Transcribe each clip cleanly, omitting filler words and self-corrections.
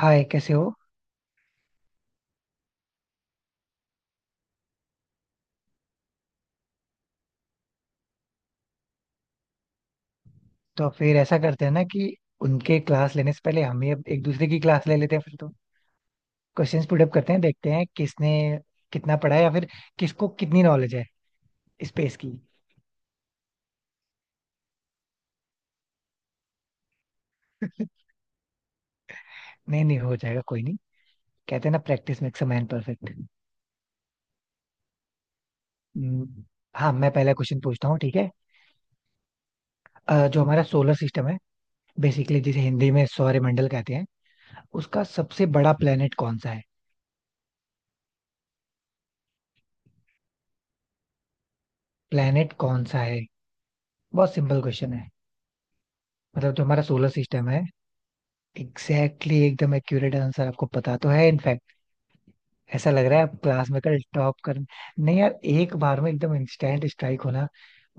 हाय, कैसे हो? तो फिर ऐसा करते हैं ना कि उनके क्लास लेने से पहले हम ही अब एक दूसरे की क्लास ले लेते हैं फिर तो। क्वेश्चंस पुट अप करते हैं, देखते हैं किसने कितना पढ़ा है या फिर किसको कितनी नॉलेज है स्पेस की। नहीं नहीं, हो जाएगा, कोई नहीं। कहते हैं ना, practice makes a man perfect. हाँ, मैं पहला क्वेश्चन पूछता हूँ, ठीक है। जो हमारा सोलर सिस्टम है, बेसिकली जिसे हिंदी में सौरमंडल कहते हैं, उसका सबसे बड़ा प्लेनेट कौन सा है? प्लेनेट कौन सा है? बहुत सिंपल क्वेश्चन है। मतलब जो हमारा सोलर सिस्टम है। एग्जैक्टली exactly, एकदम एक्यूरेट आंसर, आपको पता तो है इनफैक्ट। ऐसा लग रहा है आप क्लास में कल टॉप कर, नहीं यार, एक बार में एकदम इंस्टेंट स्ट्राइक होना।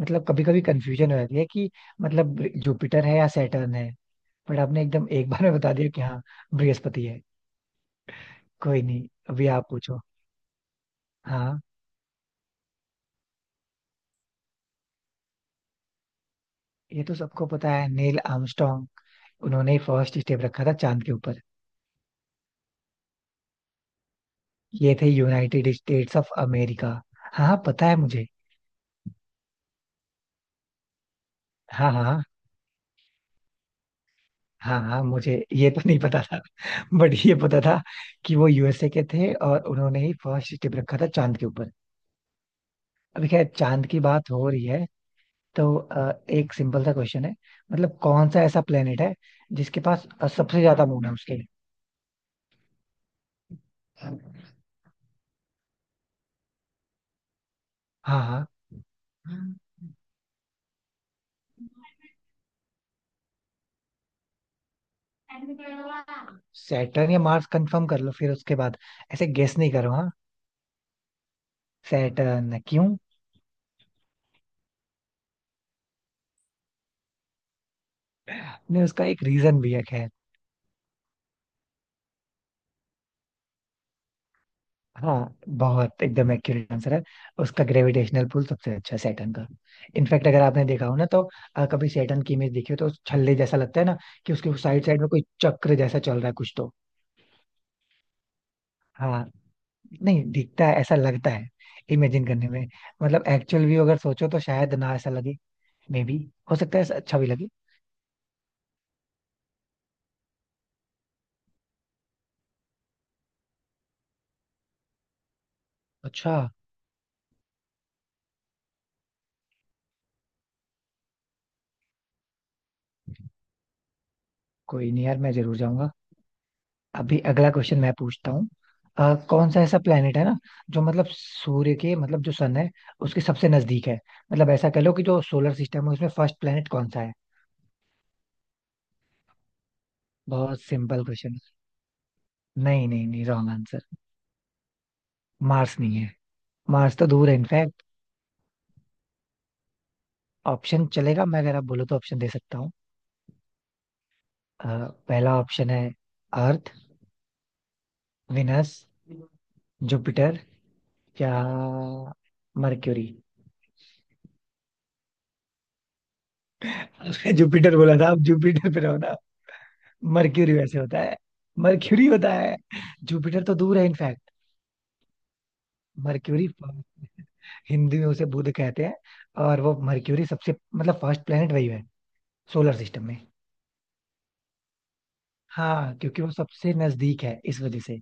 मतलब कभी कभी कंफ्यूजन हो जाती है कि मतलब जुपिटर है या सैटर्न है। बट आपने एकदम एक बार में बता दिया कि हाँ, बृहस्पति है। कोई नहीं, अभी आप पूछो। हाँ। ये तो सबको पता है, नील आर्मस्ट्रॉन्ग। उन्होंने ही फर्स्ट स्टेप रखा था चांद के ऊपर। ये थे यूनाइटेड स्टेट्स ऑफ अमेरिका। हाँ हाँ, पता है मुझे। हाँ हाँ। हाँ हाँ, मुझे ये तो नहीं पता था। बट ये पता था कि वो यूएसए के थे और उन्होंने ही फर्स्ट स्टेप रखा था चांद के ऊपर। अभी खैर चांद की बात हो रही है तो एक सिंपल सा क्वेश्चन है। मतलब कौन सा ऐसा प्लेनेट है जिसके पास सबसे ज्यादा मून है उसके? हाँ हाँ। सैटर्न या मार्स, कंफर्म कर लो फिर उसके बाद। ऐसे गेस नहीं करो, हाँ। सैटर्न क्यों? नहीं, उसका एक रीजन भी है, खैर। हाँ, बहुत एकदम एक्यूरेट आंसर है। उसका ग्रेविटेशनल पुल सबसे अच्छा है सैटर्न का। इनफैक्ट अगर आपने देखा हो ना तो कभी सैटर्न की इमेज देखी हो तो उस छल्ले जैसा लगता है ना, कि उसके साइड साइड में कोई चक्र जैसा चल रहा है कुछ तो। हाँ। नहीं दिखता है, ऐसा लगता है इमेजिन करने में। मतलब एक्चुअल व्यू अगर सोचो तो शायद ना ऐसा लगे। May be. हो सकता है ऐसा अच्छा भी लगे। अच्छा। कोई नहीं यार, मैं जरूर जाऊंगा। अभी अगला क्वेश्चन मैं पूछता हूँ। कौन सा ऐसा प्लेनेट है ना जो मतलब सूर्य के मतलब जो सन है उसके सबसे नजदीक है? मतलब ऐसा कह लो कि जो सोलर सिस्टम है उसमें फर्स्ट प्लेनेट कौन सा है? बहुत सिंपल क्वेश्चन। नहीं नहीं नहीं, रॉन्ग आंसर। मार्स नहीं है। मार्स तो दूर है इनफैक्ट। ऑप्शन चलेगा, मैं अगर आप बोलो तो ऑप्शन दे सकता हूँ। अ, पहला ऑप्शन है, अर्थ। विनस। जुपिटर। या मर्क्यूरी। जुपिटर बोला था, आप जुपिटर पे रहो ना। मर्क्यूरी वैसे होता है। मर्क्यूरी होता है। जुपिटर तो दूर है इनफैक्ट। मर्क्यूरी। हिंदी में उसे बुध कहते हैं। और वो मर्क्यूरी सबसे मतलब फर्स्ट प्लेनेट वही है। सोलर सिस्टम में। हाँ, क्योंकि वो सबसे नजदीक है इस वजह से।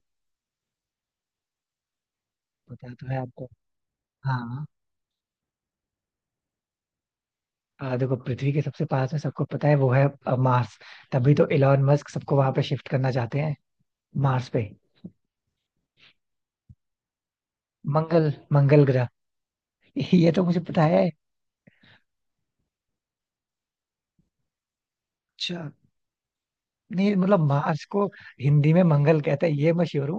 पता तो है आपको। हाँ। देखो, पृथ्वी के सबसे पास में सबको पता है वो है, मार्स। तभी तो इलॉन मस्क सबको वहां पे शिफ्ट करना चाहते हैं, मार्स पे। मंगल, मंगल ग्रह। ये तो मुझे पता है। अच्छा। नहीं मतलब, मार्स को हिंदी में मंगल कहते हैं ये मैं श्योर।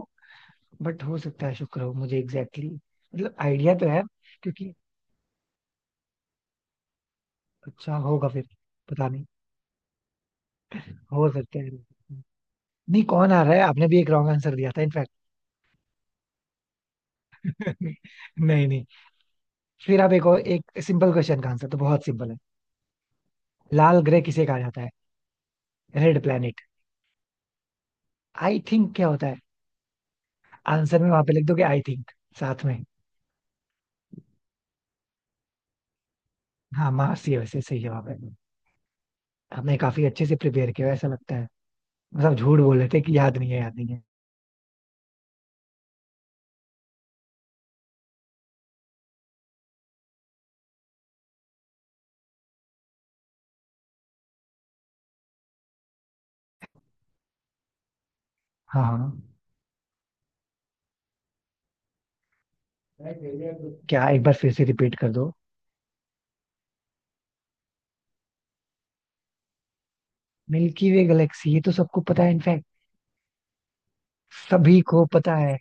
बट हो सकता है शुक्र हो, मुझे एग्जैक्टली, मतलब आइडिया तो है। क्योंकि। अच्छा होगा फिर। पता नहीं। हो सकता है। नहीं, कौन आ रहा है, आपने भी एक रॉन्ग आंसर दिया था इनफैक्ट। नहीं नहीं। फिर आप एक और, एक सिंपल क्वेश्चन का आंसर तो बहुत सिंपल है। लाल ग्रह किसे कहा जाता है? Red planet. आई थिंक क्या होता है? आंसर में वहां पे लिख दोगे आई थिंक साथ में? हाँ, मार्स ही है वैसे, सही जवाब है। आपने काफी अच्छे से प्रिपेयर किया ऐसा लगता है। मतलब झूठ बोल रहे थे कि याद नहीं है, याद नहीं है। हाँ हाँ। क्या एक बार फिर से रिपीट कर दो? मिल्की वे गैलेक्सी, ये तो सबको पता है इनफैक्ट। सभी को पता है।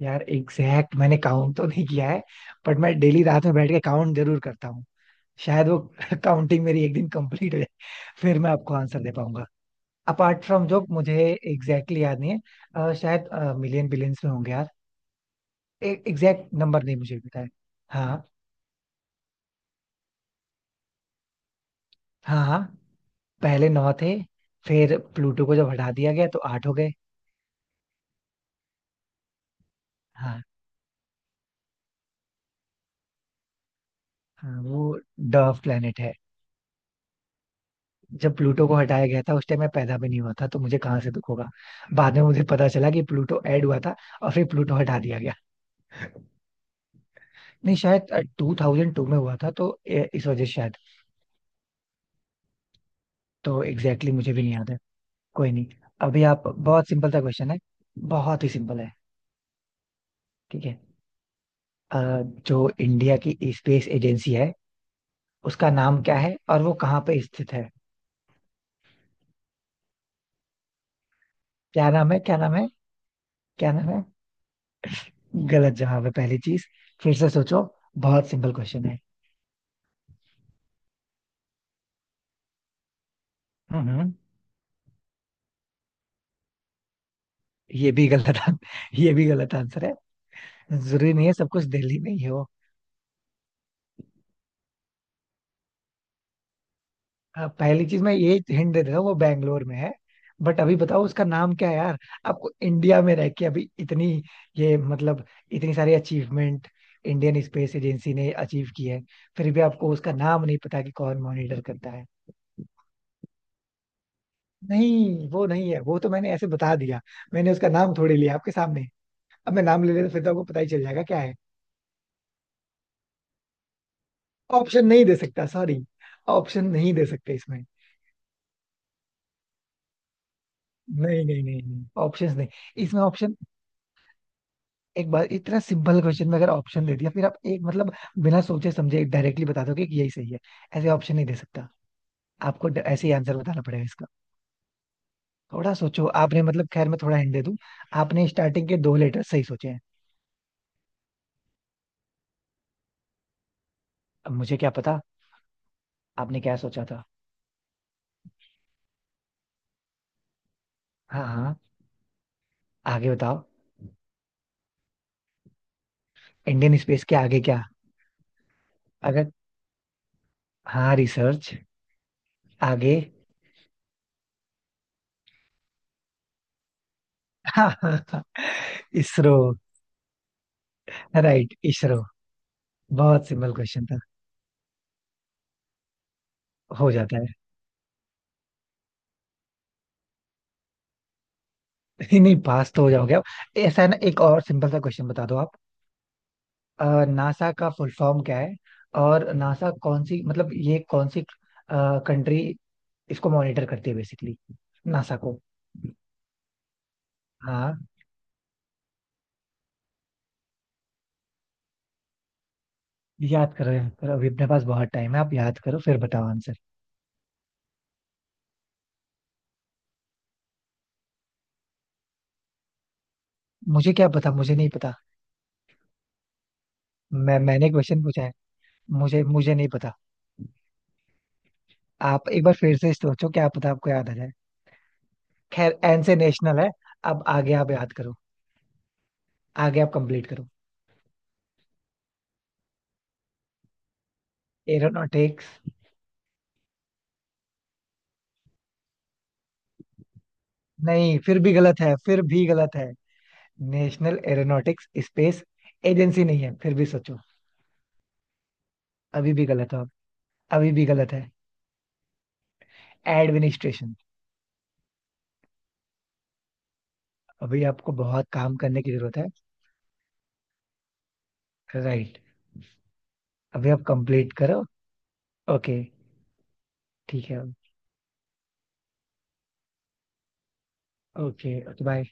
यार एग्जैक्ट मैंने काउंट तो नहीं किया है। बट मैं डेली रात में बैठ के काउंट जरूर करता हूँ। शायद वो काउंटिंग मेरी एक दिन कंप्लीट हो जाए। फिर मैं आपको आंसर दे पाऊंगा। अपार्ट फ्रॉम, जो मुझे एग्जैक्टली याद नहीं है। शायद मिलियन बिलियंस में होंगे यार। एग्जैक्ट नंबर नहीं मुझे पता है। हाँ हाँ। हाँ। पहले नौ थे। फिर प्लूटो को जब हटा दिया गया तो आठ हो गए। हाँ हाँ, वो डर्व प्लेनेट है। जब प्लूटो को हटाया गया था उस टाइम मैं पैदा भी नहीं हुआ था, तो मुझे कहाँ से दुख होगा? बाद में मुझे पता चला कि प्लूटो ऐड हुआ था, और फिर प्लूटो हटा दिया गया। नहीं शायद 2002 में हुआ था तो इस वजह से शायद। तो एग्जैक्टली मुझे भी नहीं याद है। कोई नहीं। अभी आप, बहुत सिंपल सा क्वेश्चन है। बहुत ही सिंपल है। ठीक है। जो इंडिया की स्पेस एजेंसी है उसका नाम क्या है और वो कहाँ पे स्थित है? क्या नाम है? क्या नाम है? क्या नाम है? गलत जवाब है पहली चीज। फिर से सोचो। बहुत सिंपल क्वेश्चन है। हम्म हम्म। ये भी गलत ये भी गलत आंसर है। जरूरी नहीं है सब कुछ दिल्ली में ही हो। पहली चीज मैं ये हिंट दे देता हूँ, वो बैंगलोर में है। बट अभी बताओ उसका नाम क्या है यार? आपको इंडिया में रह के अभी इतनी, ये मतलब इतनी सारी अचीवमेंट इंडियन स्पेस एजेंसी ने अचीव की है, फिर भी आपको उसका नाम नहीं पता कि कौन मॉनिटर करता है। नहीं, वो नहीं है, वो तो मैंने ऐसे बता दिया। मैंने उसका नाम थोड़ी लिया आपके सामने। अब मैं नाम ले लेता फिर तो आपको पता ही चल जाएगा क्या है। ऑप्शन नहीं दे सकता, सॉरी। ऑप्शन नहीं दे सकते इसमें। नहीं नहीं नहीं नहीं, ऑप्शंस नहीं। इसमें ऑप्शन, एक बार इतना सिंपल क्वेश्चन में अगर ऑप्शन दे दिया, फिर आप एक मतलब बिना सोचे समझे डायरेक्टली बता दोगे कि यही सही है। ऐसे ऑप्शन नहीं दे सकता। आपको ऐसे ही आंसर बताना पड़ेगा इसका। थोड़ा सोचो आपने मतलब, खैर मैं थोड़ा हिंट दे दूं। आपने स्टार्टिंग के दो लेटर सही सोचे हैं। अब मुझे क्या पता। आपने क्या सोचा था? हाँ हाँ। आगे बताओ। इंडियन स्पेस के आगे क्या? अगर। हाँ, रिसर्च। आगे। हाँ। इसरो। राइट, इसरो। बहुत सिंपल क्वेश्चन था। हो जाता है। नहीं नहीं, पास तो हो जाओगे आप। ऐसा है ना, एक और सिंपल सा क्वेश्चन बता दो आप। नासा का फुल फॉर्म क्या है? और नासा कौन सी, मतलब ये कौन सी कंट्री इसको मॉनिटर करती है बेसिकली? नासा को। हाँ। याद करो याद करो, अभी अपने पास बहुत टाइम है, आप याद करो फिर बताओ आंसर। मुझे क्या पता, मुझे नहीं पता। मैंने क्वेश्चन पूछा है। मुझे मुझे नहीं पता। आप एक बार फिर से सोचो, क्या पता आपको याद आ जाए। खैर, एन से नेशनल है। अब आगे आप याद करो। आगे आप कंप्लीट करो। एरोनॉटिक्स। नहीं, फिर भी गलत है, फिर भी गलत है। नेशनल एरोनॉटिक्स स्पेस एजेंसी नहीं है, फिर भी सोचो। अभी भी गलत हो आप। अभी भी गलत है। एडमिनिस्ट्रेशन। अभी आपको बहुत काम करने की जरूरत है। राइट। अभी आप कंप्लीट करो। ओके। ठीक है। Okay okay, bye.